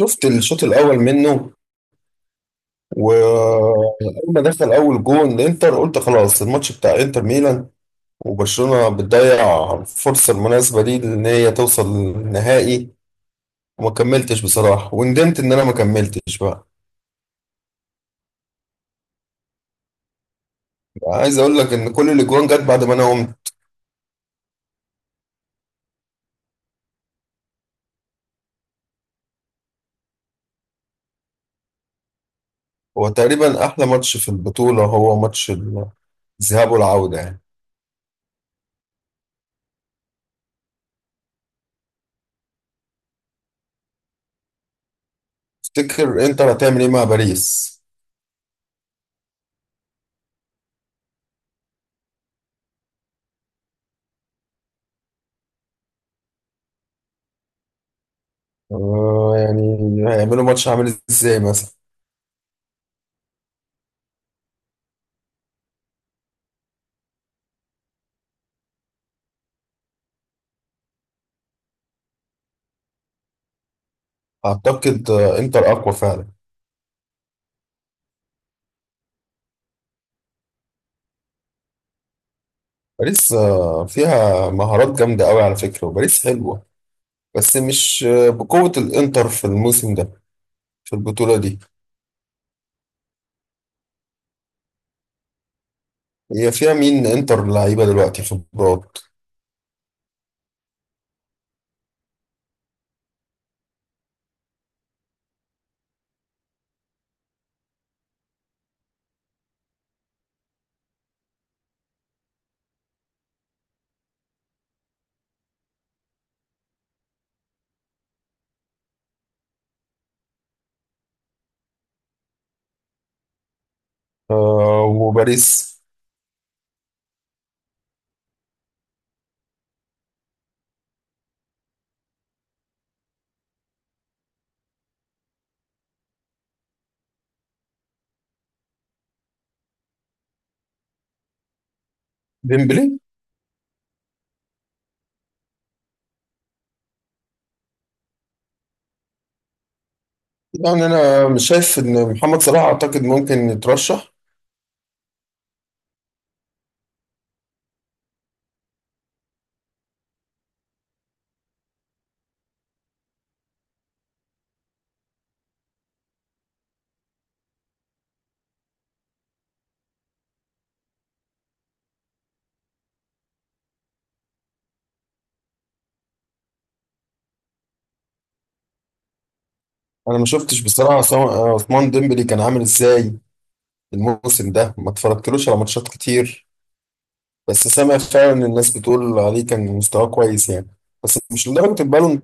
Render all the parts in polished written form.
شفت الشوط الاول منه. واول ما دخل اول جون الانتر قلت خلاص الماتش بتاع انتر ميلان، وبرشلونة بتضيع الفرصة المناسبة دي ان هي توصل للنهائي. وما كملتش بصراحة، وندمت ان انا ما كملتش. بقى عايز اقول لك ان كل الاجوان جت بعد ما انا قمت. هو تقريبا احلى ماتش في البطولة، هو ماتش الذهاب والعودة يعني. تفتكر انتر هتعمل ايه مع باريس؟ يعني هيعملوا ماتش عامل ازاي مثلا؟ اعتقد انتر اقوى فعلا. باريس فيها مهارات جامدة قوي على فكرة، وباريس حلوة، بس مش بقوة الإنتر في الموسم ده، في البطولة دي. هي فيها مين إنتر لعيبة دلوقتي؟ خبرات. وباريس ديمبلي يعني. أنا مش شايف إن محمد صلاح أعتقد ممكن يترشح. أنا ما شفتش بصراحة عثمان ديمبلي كان عامل إزاي الموسم ده، ما اتفرجتلوش على ماتشات كتير، بس سامع فعلا إن الناس بتقول عليه كان مستواه كويس يعني، بس مش لدرجة البالون.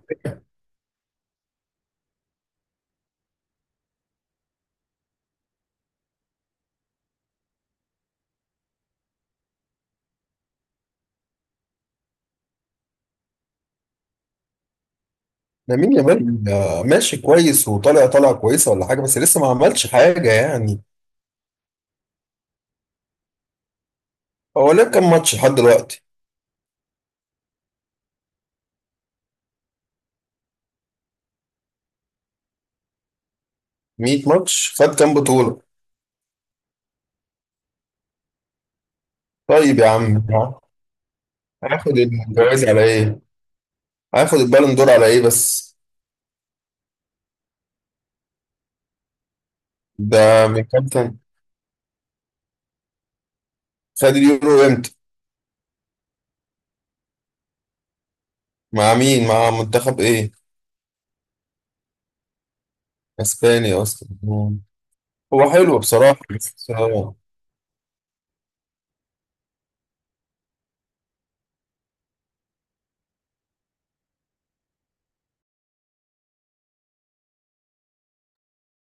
لامين يامال ماشي كويس، وطالع طالعه كويسه ولا حاجه، بس لسه ما عملش حاجه يعني. هو لعب كام ماتش لحد دلوقتي؟ 100 ماتش خد كام بطوله؟ طيب يا عم. هياخد الجوائز على ايه؟ هياخد البالون دور على ايه بس؟ ده من كام سنه؟ خد اليورو امتى؟ مع مين، مع منتخب ايه؟ اسباني اصلا. هو حلو بصراحه، بس آه،.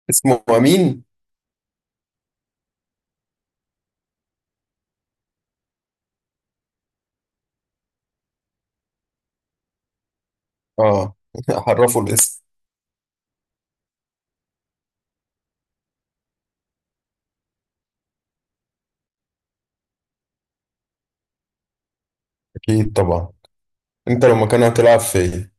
اسمه امين. اه عرفوا الاسم. اكيد طبعا. انت لو مكانه هتلعب فين؟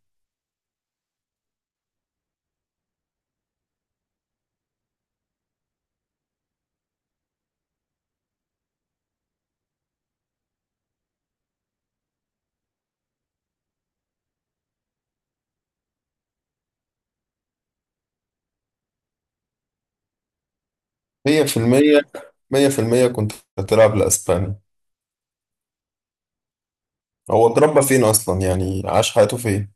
مية في المية، مية في المية كنت هتلعب لأسبانيا. هو اتربى فين أصلا يعني، عاش حياته فين؟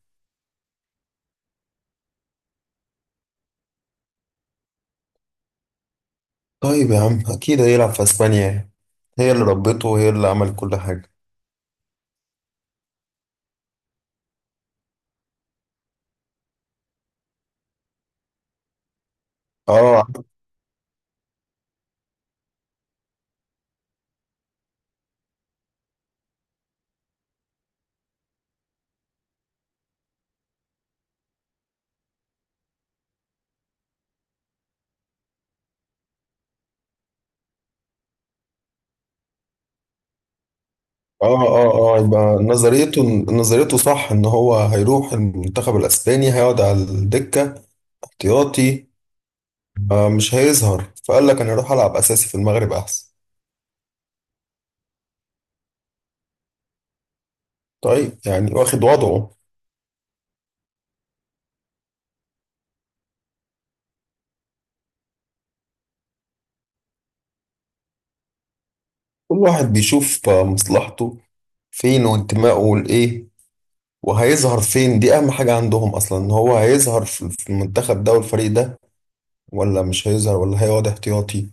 طيب يا عم أكيد هيلعب في أسبانيا يعني. هي اللي ربته، وهي اللي عملت كل حاجة. اه اه اه اه. يبقى نظريته، نظريته صح ان هو هيروح المنتخب الاسباني هيقعد على الدكة احتياطي، آه مش هيظهر، فقال لك انا هروح العب اساسي في المغرب احسن. طيب يعني واخد وضعه. كل واحد بيشوف مصلحته فين، وانتمائه لايه، وهيظهر فين. دي اهم حاجة عندهم اصلا، ان هو هيظهر في المنتخب ده والفريق ده، ولا مش هيظهر ولا هيقعد احتياطي.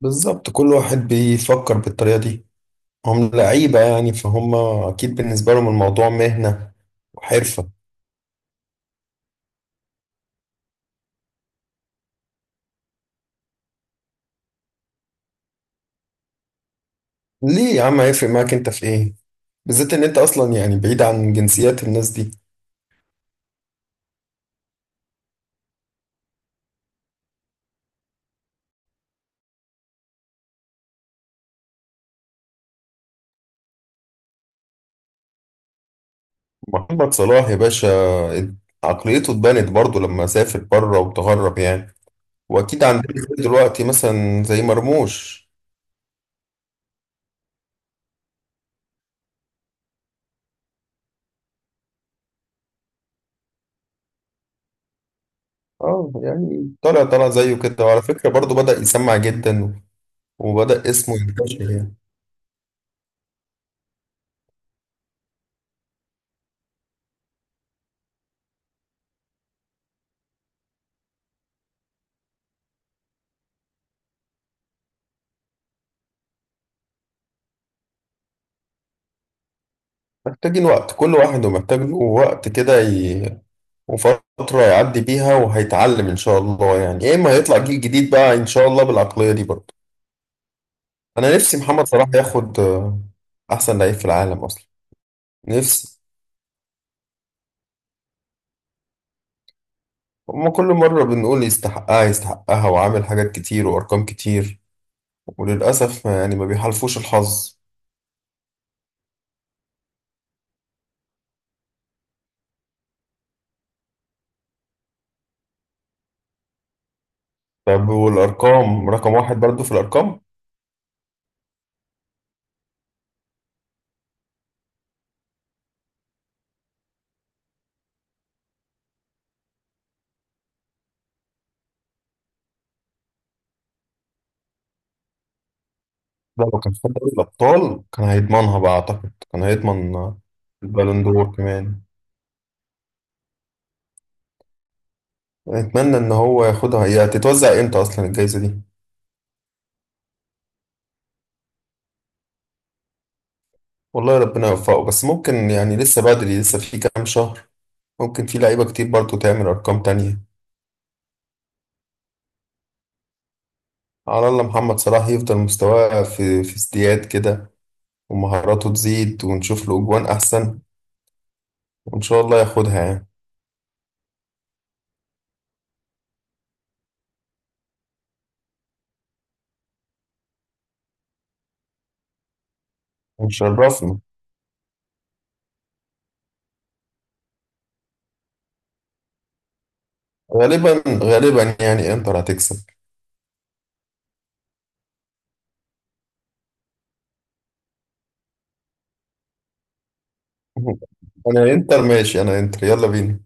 بالظبط كل واحد بيفكر بالطريقة دي. هم لعيبة يعني، فهم اكيد بالنسبة لهم الموضوع مهنة وحرفة. ليه يا عم هيفرق معاك انت في ايه؟ بالذات ان انت اصلا يعني بعيد عن جنسيات الناس دي. محمد صلاح يا باشا عقليته اتبنت برضه لما سافر بره وتغرب يعني. واكيد عندنا دلوقتي مثلا زي مرموش. اه، يعني طلع طلع زيه كده، وعلى فكرة برضه بدأ يسمع جدا، وبدأ اسمه ينتشر يعني. محتاجين وقت، كل واحد ومحتاج له وقت كده وفترة يعدي بيها، وهيتعلم إن شاء الله يعني، يا إما هيطلع جيل جديد بقى إن شاء الله بالعقلية دي برضه. أنا نفسي محمد صلاح ياخد أحسن لعيب في العالم أصلا، نفسي. هما كل مرة بنقول يستحقها يستحقها، وعامل حاجات كتير وأرقام كتير، وللأسف يعني ما بيحالفوش الحظ. طب والأرقام رقم واحد برضه في الأرقام. لا لو كان في دوري الأبطال كان هيضمنها بقى، أعتقد كان هيضمن البالون دور كمان. أتمنى إن هو ياخدها. هي هتتوزع إمتى أصلا الجايزة دي؟ والله ربنا يوفقه، بس ممكن يعني لسه بدري، لسه في كام شهر، ممكن في لعيبة كتير برضه تعمل أرقام تانية. على الله محمد صلاح يفضل مستواه في ازدياد كده، ومهاراته تزيد، ونشوف له أجوان أحسن، وإن شاء الله ياخدها يعني، ونشرفنا. غالبا غالبا يعني إنتر هتكسب. أنا إنتر ماشي، أنا إنتر، يلا بينا.